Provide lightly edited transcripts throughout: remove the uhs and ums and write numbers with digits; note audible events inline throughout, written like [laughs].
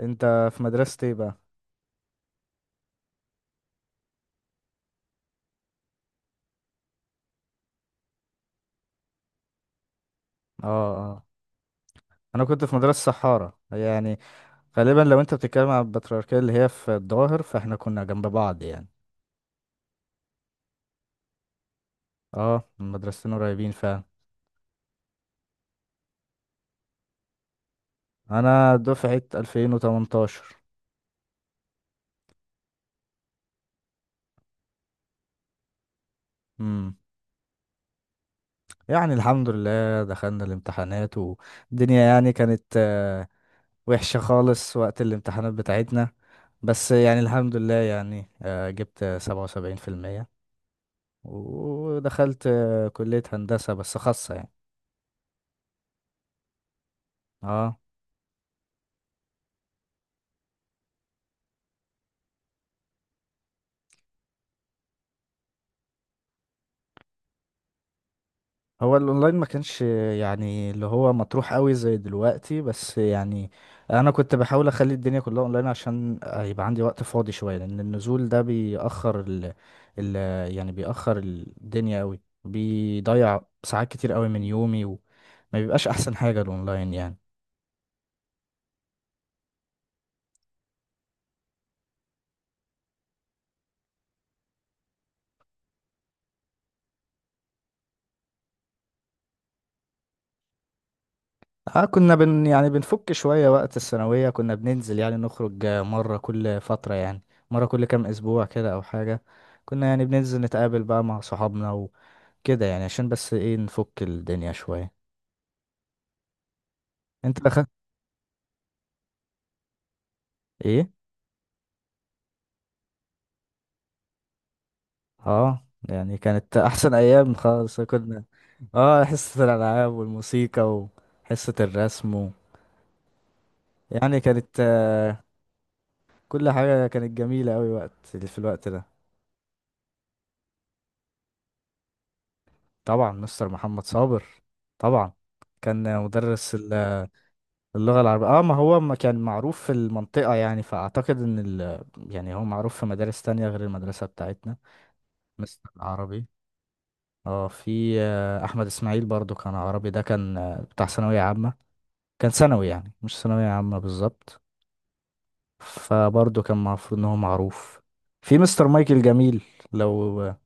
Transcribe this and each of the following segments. انت في مدرسة ايه بقى؟ اه، انا كنت في مدرسة صحارى يعني. غالبا لو انت بتتكلم عن البطريركية اللي هي في الظاهر فاحنا كنا جنب بعض يعني. اه، المدرستين قريبين فعلا. انا دفعة 2018. امم، يعني الحمد لله دخلنا الامتحانات والدنيا يعني كانت وحشة خالص وقت الامتحانات بتاعتنا. بس يعني الحمد لله يعني جبت 77% ودخلت كلية هندسة بس خاصة يعني. اه. هو الاونلاين ما كانش يعني اللي هو مطروح قوي زي دلوقتي، بس يعني انا كنت بحاول اخلي الدنيا كلها اونلاين عشان يبقى عندي وقت فاضي شويه، لان النزول ده بيأخر ال... يعني بيأخر الدنيا قوي، بيضيع ساعات كتير قوي من يومي، وما بيبقاش احسن حاجه الاونلاين يعني. اه، كنا بن يعني بنفك شويه وقت الثانويه، كنا بننزل يعني نخرج مره كل فتره يعني، مره كل كام اسبوع كده او حاجه. كنا يعني بننزل نتقابل بقى مع صحابنا كده يعني، عشان بس ايه نفك الدنيا شوية. انت بخ. ايه. اه يعني كانت احسن ايام خالص كنا. اه، حصة الالعاب والموسيقى وحصة الرسم يعني كانت كل حاجة كانت جميلة اوي وقت في الوقت ده. طبعا مستر محمد صابر، طبعا كان مدرس اللغة العربية. اه، ما هو ما كان معروف في المنطقة يعني، فاعتقد ان يعني هو معروف في مدارس تانية غير المدرسة بتاعتنا. مستر العربي، اه، في احمد اسماعيل برضو كان عربي، ده كان بتاع ثانويه عامه، كان ثانوي يعني مش ثانويه عامه بالظبط، فبرضو كان المفروض ان هو معروف. في مستر مايكل جميل، لو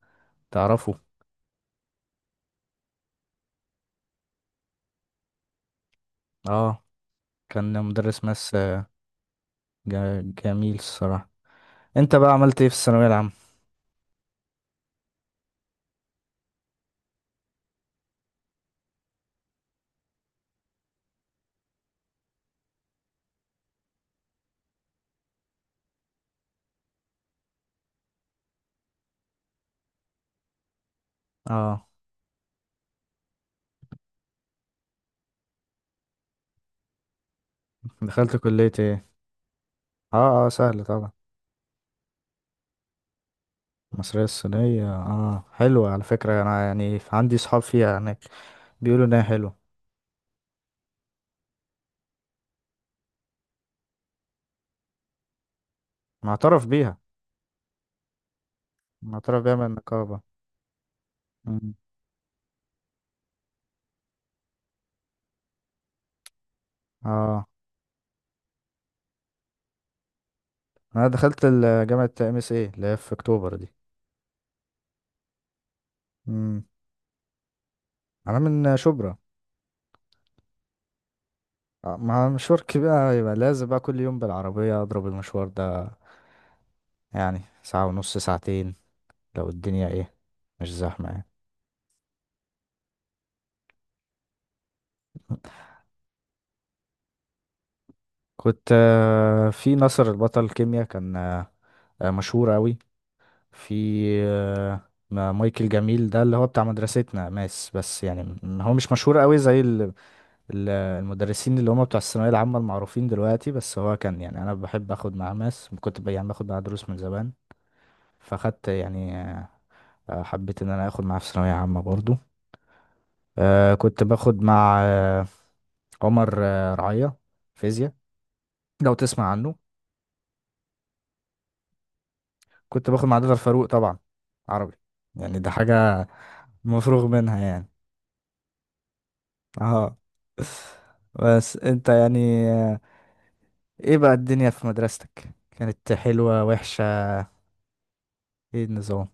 تعرفه. اه، كان مدرس ماس جميل الصراحه. انت بقى عملت ايه في الثانويه العامه؟ اه، دخلت كليه ايه؟ اه اه، سهل طبعا. المصريه الصينيه، اه حلوه على فكره، انا يعني عندي صحاب فيها هناك، بيقولوا انها حلوه. معترف بيها؟ معترف بيها من النقابه. اه، انا دخلت جامعة ام اس اي اللي هي في اكتوبر دي. امم، انا من شبرا. مع مشوارك بقى يبقى لازم بقى كل يوم بالعربية اضرب المشوار ده، يعني ساعة ونص ساعتين لو الدنيا ايه، مش زحمة يعني. كنت في ناصر البطل كيمياء، كان مشهور اوي. في آه، مايكل جميل ده اللي هو بتاع مدرستنا ماس، بس يعني هو مش مشهور اوي زي المدرسين اللي هم بتوع الثانوية العامة المعروفين دلوقتي، بس هو كان يعني أنا بحب أخد معاه ماس، كنت يعني باخد معاه دروس من زمان، فأخدت يعني حبيت إن أنا آخد معاه في ثانوية عامة برضو. كنت باخد مع عمر رعية فيزياء، لو تسمع عنه. كنت باخد مع دكتور فاروق طبعا عربي، يعني ده حاجة مفروغ منها يعني. اه، بس انت يعني ايه بقى الدنيا في مدرستك؟ كانت حلوة وحشة؟ ايه النظام؟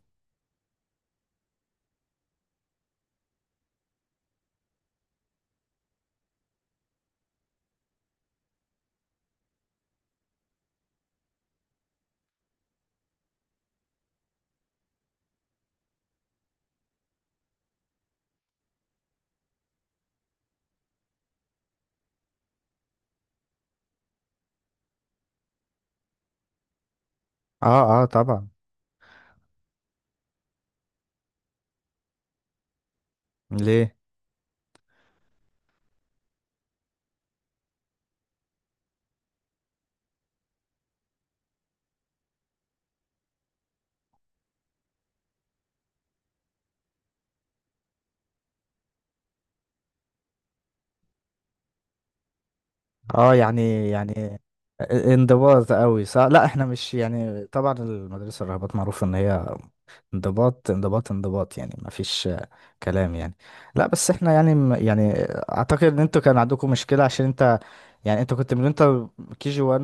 اه اه طبعا. ليه؟ اه يعني انضباط قوي صح؟ لا احنا مش يعني، طبعا المدرسة الرهبات معروف ان هي انضباط انضباط انضباط يعني، ما فيش كلام يعني. لا بس احنا يعني يعني اعتقد ان انتوا كان عندكم مشكلة عشان انت كنت من كي جي 1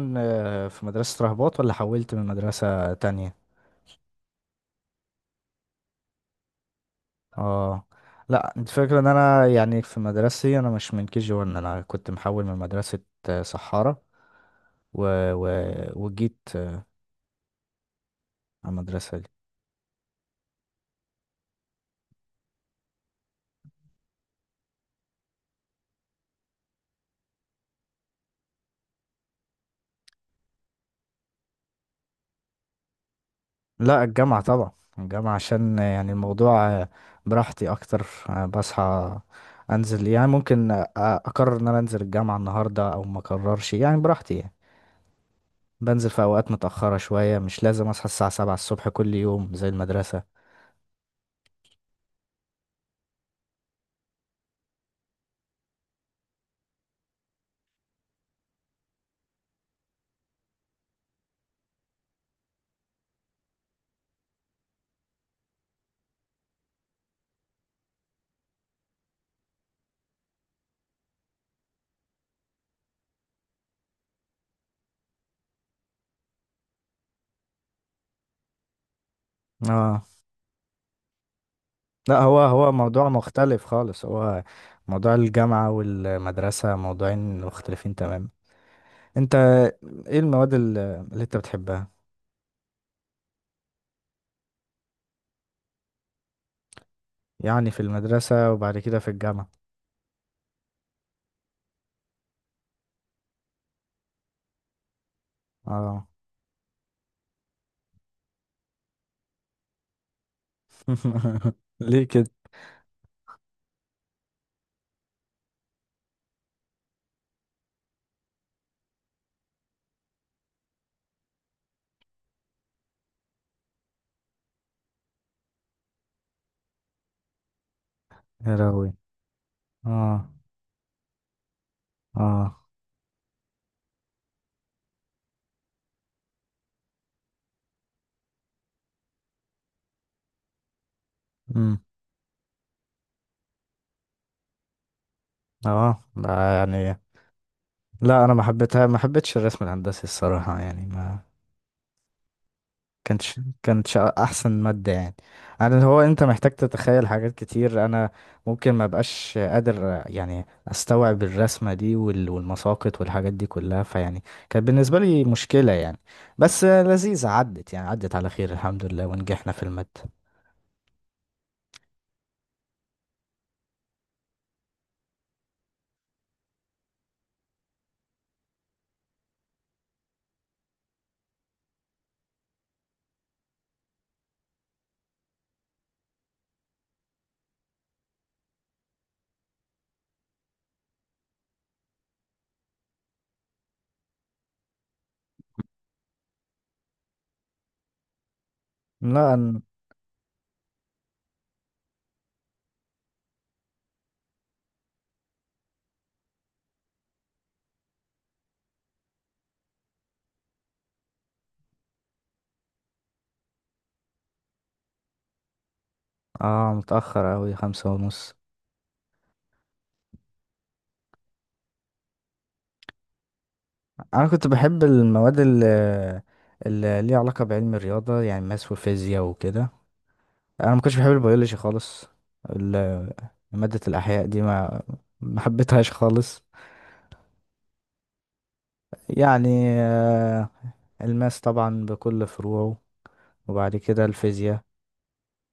في مدرسة رهبات، ولا حولت من مدرسة تانية؟ اه. لا انت فاكر ان انا يعني في مدرستي انا مش من كي جي 1، انا كنت محول من مدرسة سحارة و... و... وجيت على المدرسة دي. لا الجامعة طبعا، الجامعة عشان يعني الموضوع براحتي اكتر. بصحى انزل يعني، ممكن اقرر ان انا انزل الجامعة النهاردة او ما اقررش يعني، براحتي يعني. بنزل في اوقات متأخرة شوية، مش لازم اصحى الساعة 7 الصبح كل يوم زي المدرسة. اه. لا هو موضوع مختلف خالص، هو موضوع الجامعة والمدرسة موضوعين مختلفين تماما. انت ايه المواد اللي انت بتحبها، يعني في المدرسة وبعد كده في الجامعة؟ اه. [laughs] ليه كده يا راوي؟ اه. اه. امم. اه ده، يعني لا انا ما حبيتها، ما حبيتش الرسم الهندسي الصراحة يعني، ما كانتش احسن مادة يعني. انا اللي هو انت محتاج تتخيل حاجات كتير، انا ممكن ما بقاش قادر يعني استوعب الرسمة دي والمساقط والحاجات دي كلها، فيعني كانت بالنسبة لي مشكلة يعني. بس لذيذة، عدت يعني، عدت على خير الحمد لله ونجحنا في المادة. لا أنا. اه، متأخر أوي خمسة ونص. أنا كنت بحب المواد اللي ليها علاقة بعلم الرياضة، يعني ماس وفيزياء وكده. انا ما كنتش بحب البيولوجي خالص، ال- مادة الاحياء دي ما، ما حبيتهاش خالص يعني. آه، الماس طبعا بكل فروعه، وبعد كده الفيزياء.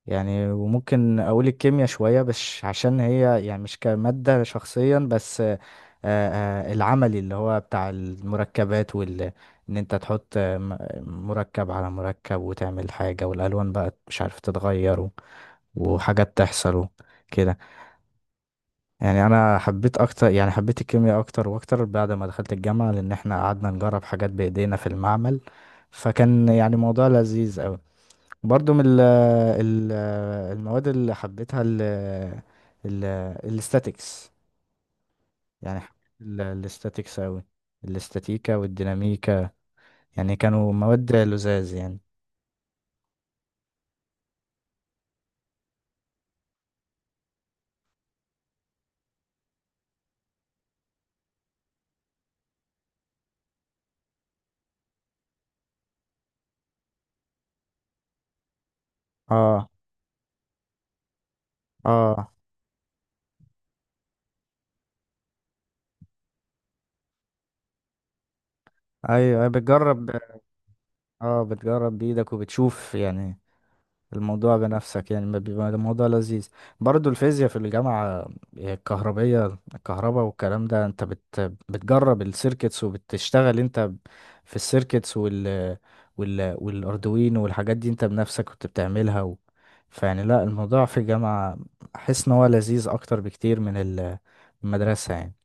يعني وممكن اقول الكيمياء شوية، بس عشان هي يعني مش كمادة شخصيا، بس العملي اللي هو بتاع المركبات ان انت تحط مركب على مركب وتعمل حاجة، والالوان بقى مش عارف تتغير وحاجات تحصل كده يعني. انا حبيت اكتر، يعني حبيت الكيمياء اكتر واكتر بعد ما دخلت الجامعة، لان احنا قعدنا نجرب حاجات بايدينا في المعمل، فكان يعني موضوع لذيذ قوي. برضو من ال المواد اللي حبيتها ال الاستاتيكس، يعني حبيت الاستاتيكس قوي، الاستاتيكا والديناميكا، يعني كانوا مواد لذاذ يعني. اه. اه. ايوه بتجرب. اه بتجرب بايدك وبتشوف يعني الموضوع بنفسك، يعني ما بيبقى الموضوع لذيذ. برضو الفيزياء في الجامعة الكهربية، الكهرباء والكلام ده انت بتجرب السيركتس وبتشتغل انت في السيركتس وال والاردوين والحاجات دي انت بنفسك كنت بتعملها. فيعني لا الموضوع في الجامعة احس ان هو لذيذ اكتر بكتير من المدرسة يعني.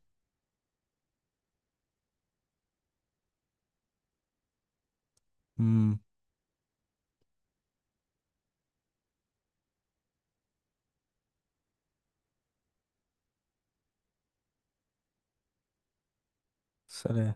امم. سلام.